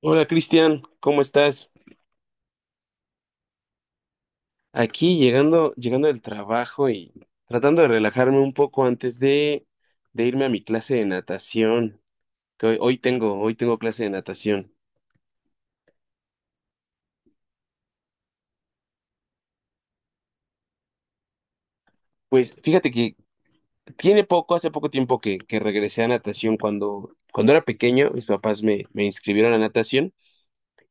Hola Cristian, ¿cómo estás? Aquí llegando del trabajo y tratando de relajarme un poco antes de irme a mi clase de natación, que hoy tengo clase de natación. Pues fíjate que tiene poco, hace poco tiempo que regresé a natación cuando era pequeño, mis papás me inscribieron a natación.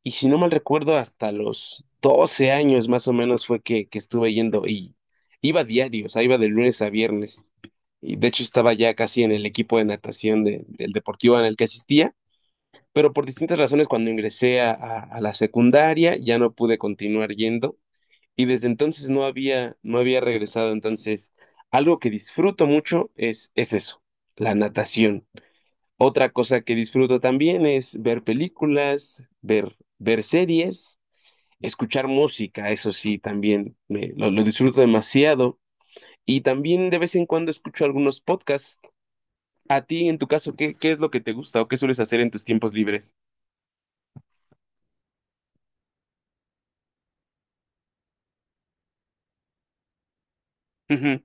Y si no mal recuerdo, hasta los 12 años más o menos fue que estuve yendo y iba diario, o sea, iba de lunes a viernes. Y de hecho estaba ya casi en el equipo de natación del deportivo en el que asistía, pero por distintas razones cuando ingresé a la secundaria ya no pude continuar yendo y desde entonces no había regresado. Entonces, algo que disfruto mucho es eso, la natación. Otra cosa que disfruto también es ver películas, ver series, escuchar música. Eso sí, también lo disfruto demasiado. Y también de vez en cuando escucho algunos podcasts. A ti, en tu caso, ¿qué es lo que te gusta o qué sueles hacer en tus tiempos libres? Ujú,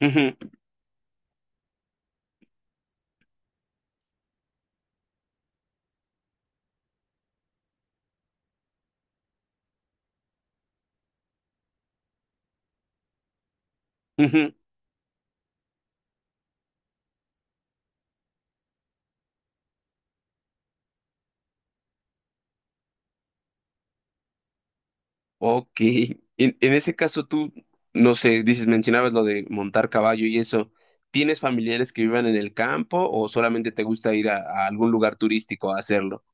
ujú, ujú. Ok. En ese caso, tú, no sé, dices, mencionabas lo de montar caballo y eso. ¿Tienes familiares que vivan en el campo o solamente te gusta ir a algún lugar turístico a hacerlo?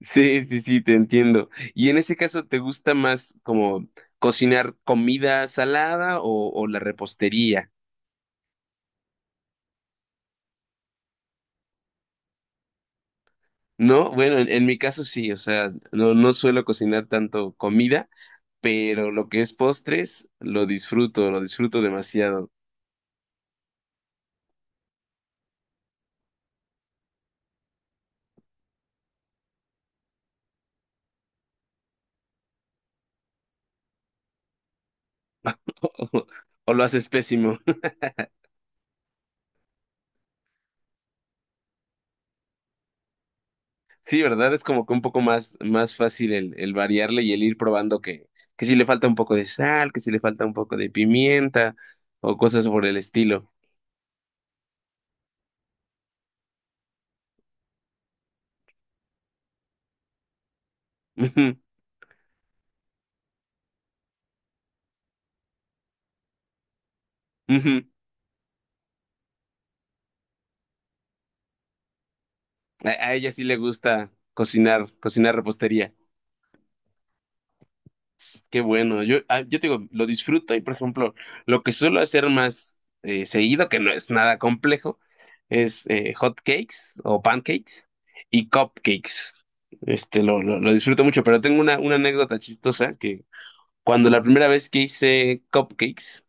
Sí, sí, sí, te entiendo. Y en ese caso, ¿te gusta más como cocinar comida salada o la repostería? No, bueno, en mi caso sí, o sea, no suelo cocinar tanto comida, pero lo que es postres lo disfruto demasiado. O lo haces pésimo. Sí, ¿verdad? Es como que un poco más, más fácil el variarle y el ir probando que si le falta un poco de sal, que si le falta un poco de pimienta o cosas por el estilo. Ujú, ujú. A ella sí le gusta cocinar, cocinar repostería. Qué bueno. Yo, ah, yo te digo, lo disfruto y, por ejemplo, lo que suelo hacer más, seguido, que no es nada complejo, es, hot cakes o pancakes y cupcakes. Este, lo disfruto mucho, pero tengo una anécdota chistosa que cuando la primera vez que hice cupcakes,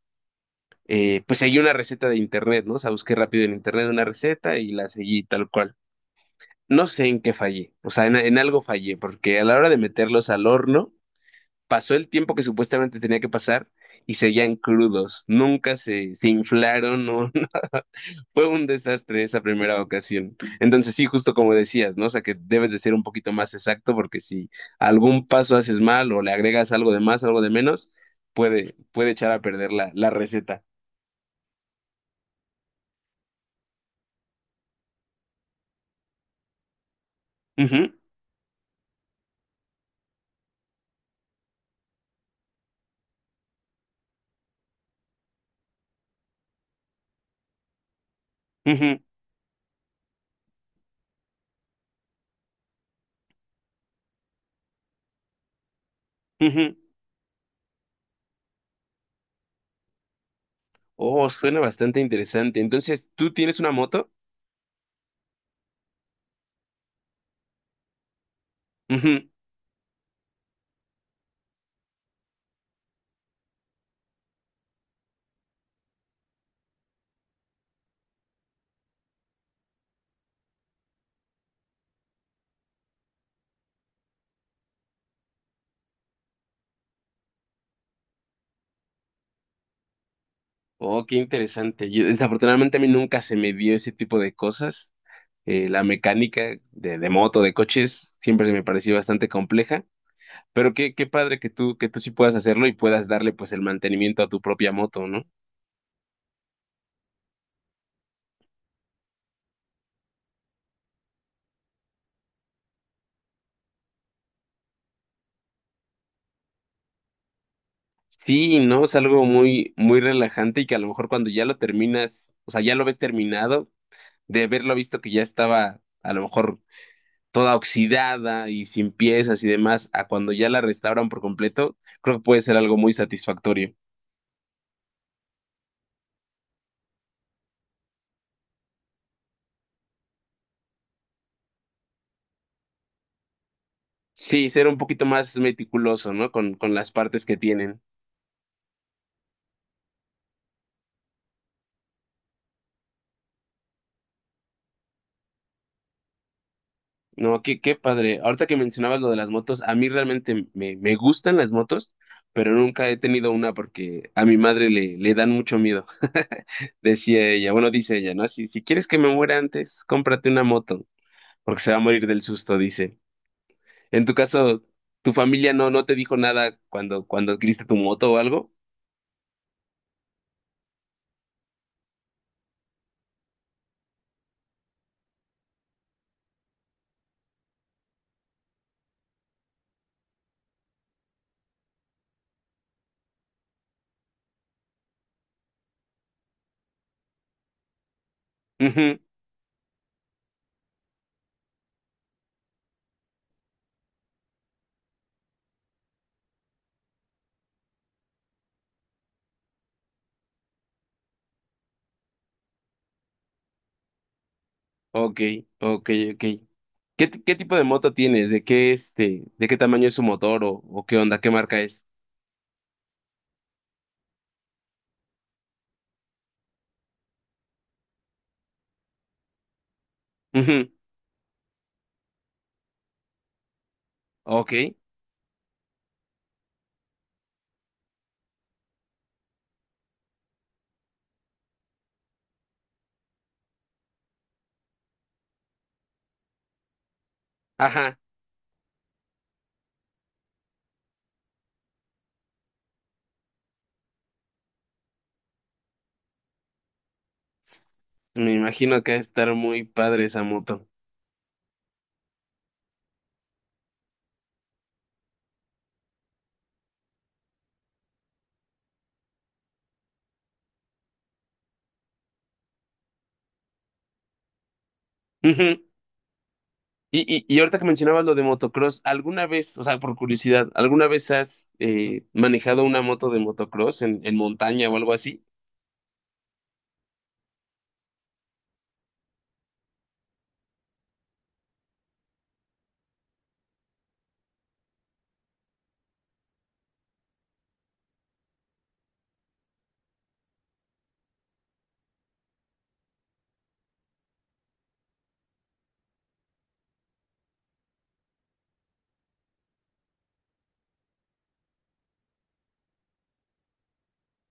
pues seguí una receta de internet, ¿no? O sea, busqué rápido en internet una receta y la seguí tal cual. No sé en qué fallé, o sea, en algo fallé, porque a la hora de meterlos al horno, pasó el tiempo que supuestamente tenía que pasar y seguían crudos, nunca se inflaron, no, no, fue un desastre esa primera ocasión. Entonces sí, justo como decías, ¿no? O sea, que debes de ser un poquito más exacto porque si algún paso haces mal o le agregas algo de más, algo de menos, puede echar a perder la, la receta. Ujú, ujú, ujú. Oh, suena bastante interesante. Entonces, ¿tú tienes una moto? Oh, qué interesante. Yo, desafortunadamente a mí nunca se me dio ese tipo de cosas. La mecánica de moto, de coches, siempre me pareció bastante compleja. Pero qué, qué padre que tú sí puedas hacerlo y puedas darle pues el mantenimiento a tu propia moto, ¿no? Sí, ¿no? Es algo muy, muy relajante y que a lo mejor cuando ya lo terminas, o sea, ya lo ves terminado, de haberlo visto que ya estaba a lo mejor toda oxidada y sin piezas y demás, a cuando ya la restauran por completo, creo que puede ser algo muy satisfactorio. Sí, ser un poquito más meticuloso, ¿no? Con las partes que tienen. No, qué, qué padre. Ahorita que mencionabas lo de las motos, a mí realmente me, me gustan las motos, pero nunca he tenido una porque a mi madre le dan mucho miedo. Decía ella, bueno, dice ella, ¿no? Si, si quieres que me muera antes, cómprate una moto, porque se va a morir del susto, dice. En tu caso, ¿tu familia no, no te dijo nada cuando adquiriste tu moto o algo? Ok, ok, ok. ¿Qué, t- qué tipo de moto tienes? ¿De qué este, de qué tamaño es su motor o qué onda, qué marca es? Ujú, ok, ajá. Me imagino que va a estar muy padre esa moto. Ujú. Y ahorita que mencionabas lo de motocross, ¿alguna vez, o sea, por curiosidad, alguna vez has, manejado una moto de motocross en montaña o algo así?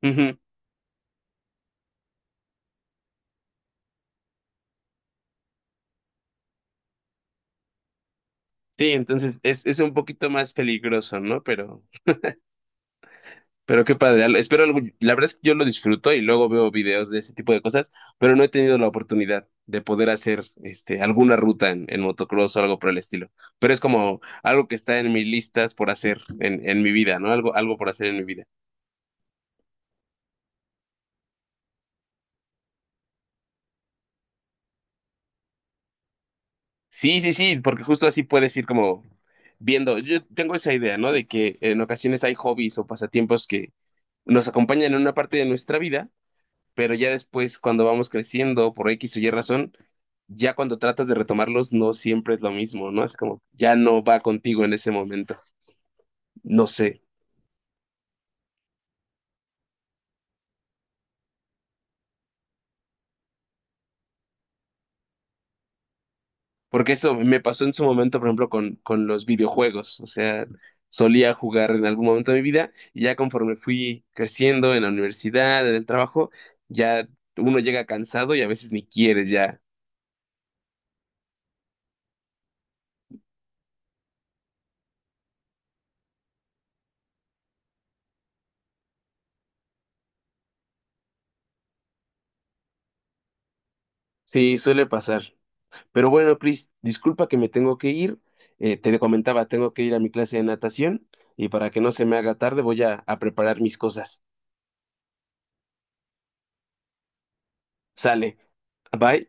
Ujú. Sí, entonces es un poquito más peligroso, ¿no? Pero qué padre, al- espero algo- la verdad es que yo lo disfruto y luego veo videos de ese tipo de cosas, pero no he tenido la oportunidad de poder hacer este alguna ruta en motocross o algo por el estilo. Pero es como algo que está en mis listas por hacer en mi vida, ¿no? Algo, algo por hacer en mi vida. Sí, sí, sí, porque justo así puedes ir como viendo. Yo tengo esa idea, ¿no? De que en ocasiones hay hobbies o pasatiempos que nos acompañan en una parte de nuestra vida, pero ya después cuando vamos creciendo por X o Y razón, ya cuando tratas de retomarlos no siempre es lo mismo, ¿no? Es como ya no va contigo en ese momento, no sé, porque eso me pasó en su momento, por ejemplo, con los videojuegos, o sea, solía jugar en algún momento de mi vida y ya conforme fui creciendo en la universidad, en el trabajo, ya uno llega cansado y a veces ni quieres ya. Sí, suele pasar. Pero bueno, Cris, disculpa que me tengo que ir. Te comentaba, tengo que ir a mi clase de natación y para que no se me haga tarde voy a preparar mis cosas. Sale. Bye.